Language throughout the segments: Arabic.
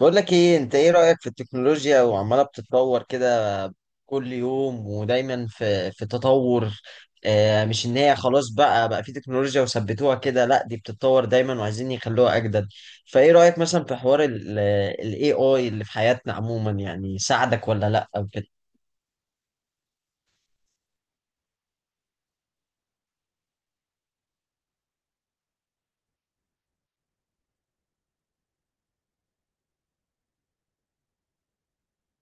بقول لك ايه، انت ايه رأيك في التكنولوجيا وعمالة بتتطور كده كل يوم؟ ودايما في تطور. مش ان هي خلاص بقى في تكنولوجيا وثبتوها كده، لا دي بتتطور دايما وعايزين يخلوها اجدد. فايه رأيك مثلا في حوار ال AI اللي في حياتنا عموما؟ يعني ساعدك ولا لا او كده؟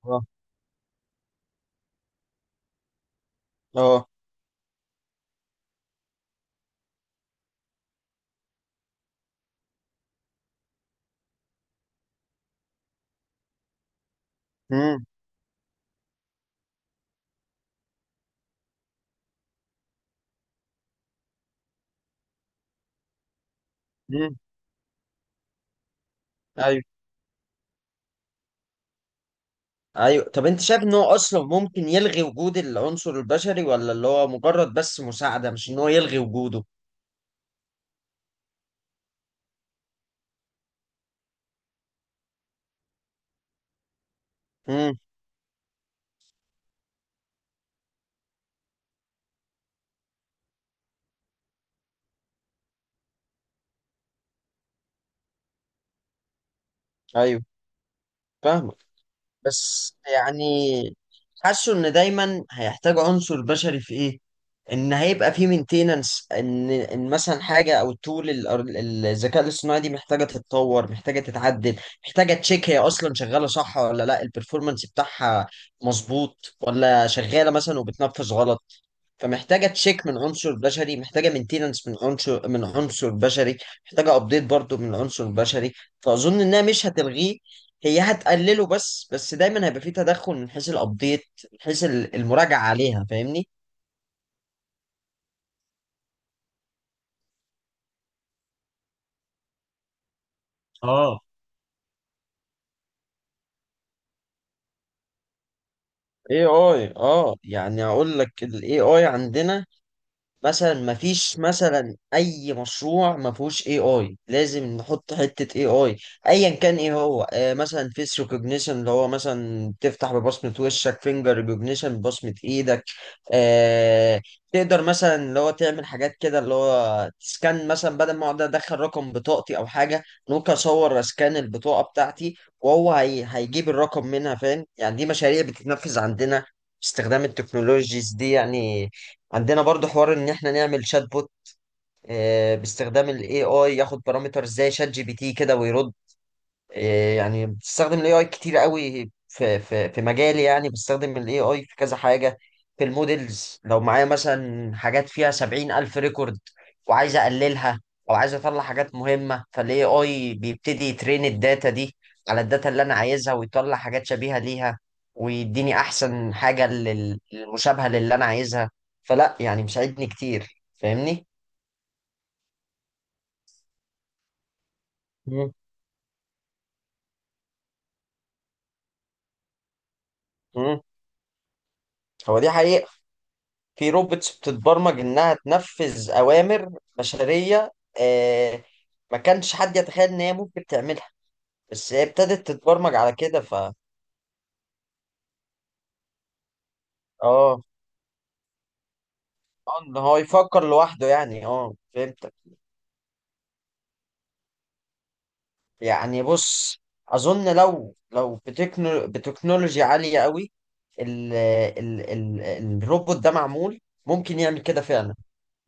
اه، اه، امم، امم، ايوه، ايوه. طب انت شايف ان هو اصلا ممكن يلغي وجود العنصر البشري، ولا اللي هو مجرد بس مساعدة مش ان هو يلغي وجوده؟ امم، ايوه، فاهمك. بس يعني حاسه ان دايما هيحتاج عنصر بشري في ايه، ان هيبقى في مينتيننس، ان مثلا حاجه، او التول الذكاء الاصطناعي دي محتاجه تتطور، محتاجه تتعدل، محتاجه تشيك هي اصلا شغاله صح ولا لا، البرفورمانس بتاعها مظبوط ولا شغاله مثلا وبتنفذ غلط. فمحتاجه تشيك من عنصر بشري، محتاجه مينتيننس من عنصر بشري، محتاجه ابديت برضو من عنصر بشري. فاظن انها مش هتلغيه، هي هتقلله بس دايما هيبقى فيه تدخل من حيث الابديت، من حيث المراجعه عليها، فاهمني؟ اه. اي اي، يعني اقول لك الاي اي عندنا مثلا ما فيش مثلا اي مشروع ما فيهوش اي اي، لازم نحط حته اي اي ايا كان ايه هو. مثلا فيس ريكوجنيشن اللي هو مثلا تفتح ببصمه وشك، فينجر ريكوجنيشن ببصمه ايدك. آه تقدر مثلا اللي هو تعمل حاجات كده، اللي هو تسكان مثلا بدل ما اقعد ادخل رقم بطاقتي او حاجه، ممكن اصور اسكان البطاقه بتاعتي وهو هي هيجيب الرقم منها. فاهم يعني؟ دي مشاريع بتتنفذ عندنا باستخدام التكنولوجيز دي يعني. عندنا برضو حوار ان احنا نعمل شات بوت، باستخدام الاي اي، ياخد بارامتر زي شات جي بي تي كده ويرد. إيه يعني بستخدم الاي اي كتير قوي في مجالي، يعني بستخدم الاي اي في كذا حاجه. في المودلز لو معايا مثلا حاجات فيها 70 ألف ريكورد وعايز اقللها، او عايز اطلع حاجات مهمه، فالاي اي بيبتدي يترين الداتا دي على الداتا اللي انا عايزها، ويطلع حاجات شبيهه ليها، ويديني احسن حاجه المشابهه للي انا عايزها. فلا، يعني مساعدني كتير، فاهمني؟ مم. مم. هو دي حقيقه، في روبوتس بتتبرمج انها تنفذ اوامر بشريه. آه ما كانش حد يتخيل ان هي ممكن تعملها، بس هي ابتدت تتبرمج على كده، ف آه، ان هو يفكر لوحده، يعني فهمتك. يعني بص، اظن لو بتكنولوجيا عاليه قوي الروبوت ده معمول، ممكن يعمل كده فعلا.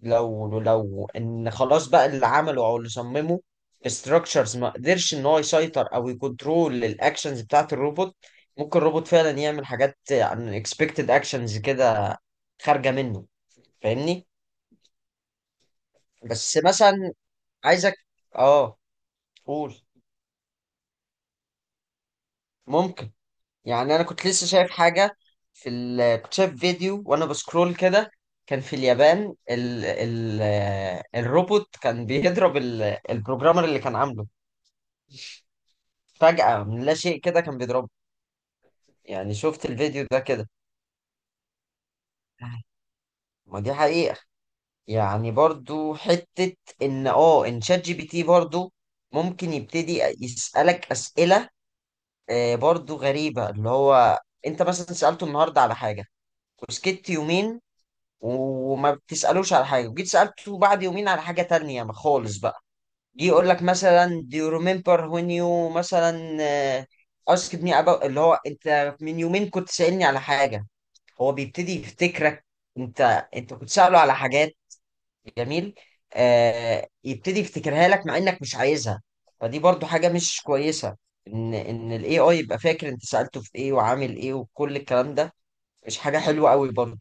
لو ان خلاص بقى اللي عمله او اللي صممه استراكشرز ما قدرش ان هو يسيطر او يكنترول الاكشنز بتاعت الروبوت، ممكن الروبوت فعلا يعمل حاجات unexpected اكشنز كده خارجه منه. فاهمني؟ بس مثلا عايزك، اه قول. ممكن، يعني انا كنت لسه شايف حاجه كنت شايف فيديو وانا بسكرول كده. كان في اليابان الروبوت كان بيضرب البروجرامر اللي كان عامله، فجأة من لا شيء كده كان بيضربه. يعني شفت الفيديو ده كده. ما دي حقيقة، يعني برضو حتة ان ان شات جي بي تي برضو ممكن يبتدي يسألك أسئلة، برضو غريبة. اللي هو انت مثلا سألته النهاردة على حاجة وسكت يومين وما بتسألوش على حاجة، وجيت سألته بعد يومين على حاجة تانية ما خالص بقى، جه يقول لك مثلا do you remember when you مثلا asked me about، اللي هو انت من يومين كنت سألني على حاجة. هو بيبتدي يفتكرك انت انت كنت سأله على حاجات. جميل. يبتدي يفتكرها لك مع انك مش عايزها، فدي برضو حاجة مش كويسة، ان ان الاي اي يبقى فاكر انت سألته في ايه وعامل ايه وكل الكلام ده، مش حاجة حلوة قوي برضو.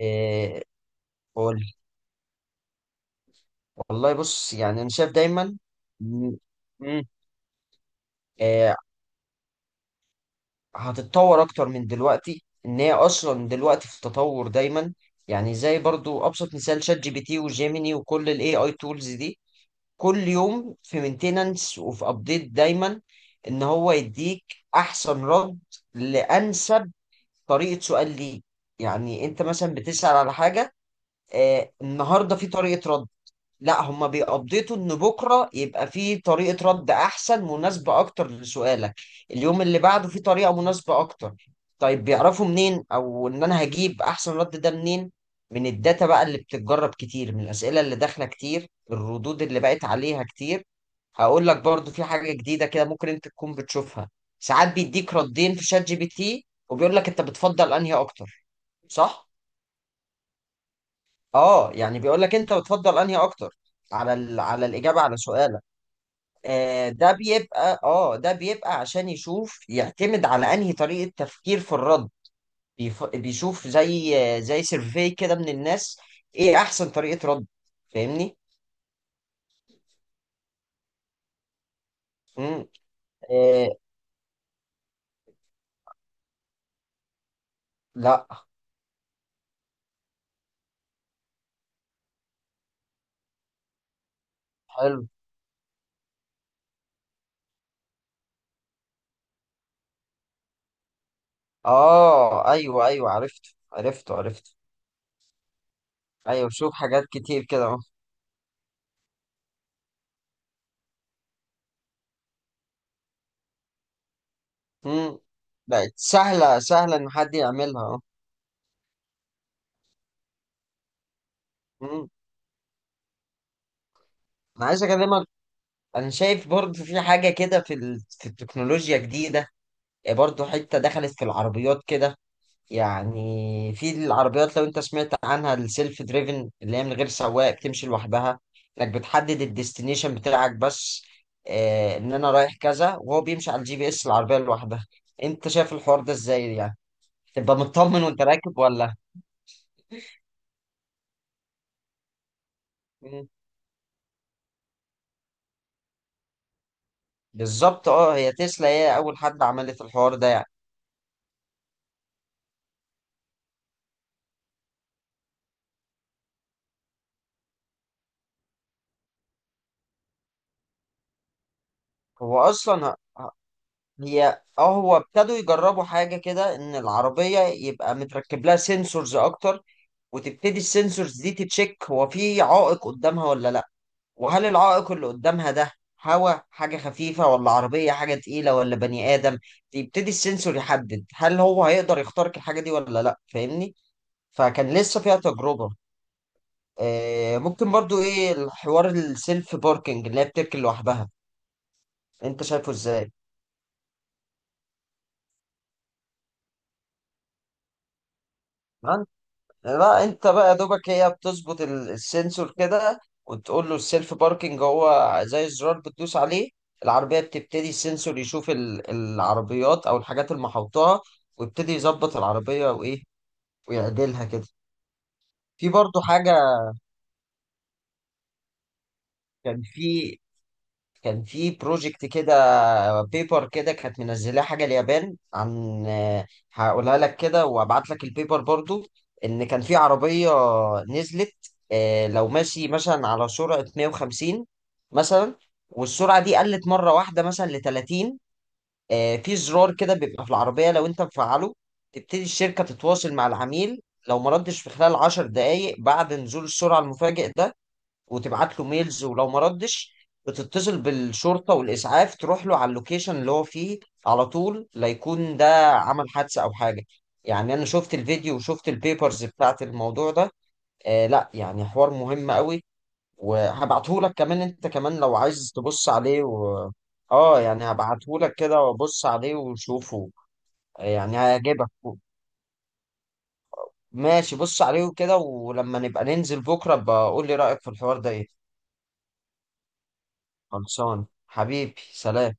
آه. وال- والله بص، يعني انا شايف دايما، إن- مم، آه هتتطور اكتر من دلوقتي، ان هي اصلا دلوقتي في تطور دايما. يعني زي برضو ابسط مثال، شات جي بي تي وجيميني وكل الاي اي تولز دي كل يوم في مينتيننس وفي ابديت دايما، ان هو يديك احسن رد لانسب طريقه سؤال ليك. يعني انت مثلا بتسال على حاجه، النهارده في طريقه رد، لا هما بيقضيتوا ان بكره يبقى في طريقه رد احسن، مناسبه اكتر لسؤالك، اليوم اللي بعده في طريقه مناسبه اكتر. طيب بيعرفوا منين او ان انا هجيب احسن رد ده منين؟ من الداتا بقى اللي بتتجرب كتير، من الاسئله اللي داخله كتير، الردود اللي بقت عليها كتير. هقول لك برضو في حاجه جديده كده ممكن انت تكون بتشوفها، ساعات بيديك ردين في شات جي بي تي وبيقول لك انت بتفضل انهي اكتر. صح. اه يعني بيقول لك انت بتفضل انهي اكتر على على الاجابه على سؤالك. ده بيبقى عشان يشوف، يعتمد على انهي طريقة تفكير في الرد. بيشوف زي زي سيرفي كده من الناس، ايه احسن طريقة رد. فاهمني؟ امم. آه. لا. حلو. اه، ايوه، ايوه، عرفته، عرفته، عرفته. ايوه، شوف حاجات كتير كده اهو. امم. بقت سهلة، سهلة ان حد يعملها اهو. امم. انا عايز اكلمك. انا شايف برضه في حاجة كده في التكنولوجيا جديدة برضه، حتة دخلت في العربيات كده. يعني في العربيات، لو انت سمعت عنها، السيلف دريفن، اللي هي من غير سواق بتمشي لوحدها. انك بتحدد الديستنيشن بتاعك بس، اه، ان انا رايح كذا وهو بيمشي على الجي بي اس، العربية لوحدها. انت شايف الحوار ده ازاي؟ يعني تبقى مطمن وانت راكب ولا؟ مم. بالظبط، اه، هي تسلا هي اول حد عملت الحوار ده يعني. هو اصلا ه- هي اه هو ابتدوا يجربوا حاجة كده، ان العربية يبقى متركب لها سنسورز اكتر، وتبتدي السنسورز دي تتشيك هو في عائق قدامها ولا لا، وهل العائق اللي قدامها ده هوا حاجة خفيفة ولا عربية حاجة تقيلة ولا بني آدم. يبتدي السنسور يحدد هل هو هيقدر يخترق الحاجة دي ولا لا، فاهمني؟ فكان لسه فيها تجربة. ممكن برضو ايه الحوار السيلف باركينج اللي هي بتركن لوحدها، انت شايفه ازاي؟ لا انت بقى يا دوبك، هي بتظبط السنسور كده، وتقول له السيلف باركينج هو زي الزرار بتدوس عليه، العربية بتبتدي السنسور يشوف العربيات او الحاجات اللي محوطاها، ويبتدي يظبط العربية وايه، ويعدلها كده. في برضو حاجة، كان في كان في بروجكت كده، بيبر كده كانت منزلاه حاجه اليابان عن، هقولها لك كده وابعت لك البيبر برضو. ان كان في عربيه نزلت، لو ماشي مثلا على سرعه 150 مثلا، والسرعه دي قلت مره واحده مثلا ل 30، في زرار كده بيبقى في العربيه لو انت مفعله، تبتدي الشركه تتواصل مع العميل. لو ما ردش في خلال 10 دقائق بعد نزول السرعه المفاجئ ده، وتبعت له ميلز، ولو ما ردش بتتصل بالشرطة والإسعاف تروح له على اللوكيشن اللي هو فيه على طول، لا يكون ده عمل حادثة أو حاجة. يعني أنا شفت الفيديو وشفت البيبرز بتاعت الموضوع ده، آه، لا يعني حوار مهم قوي، وهبعته لك كمان أنت، كمان لو عايز تبص عليه و... آه يعني هبعته لك كده، وبص عليه وشوفه. يعني هيعجبك. ماشي، بص عليه كده ولما نبقى ننزل بكرة بقول لي رأيك في الحوار ده إيه. خلصان حبيبي، سلام.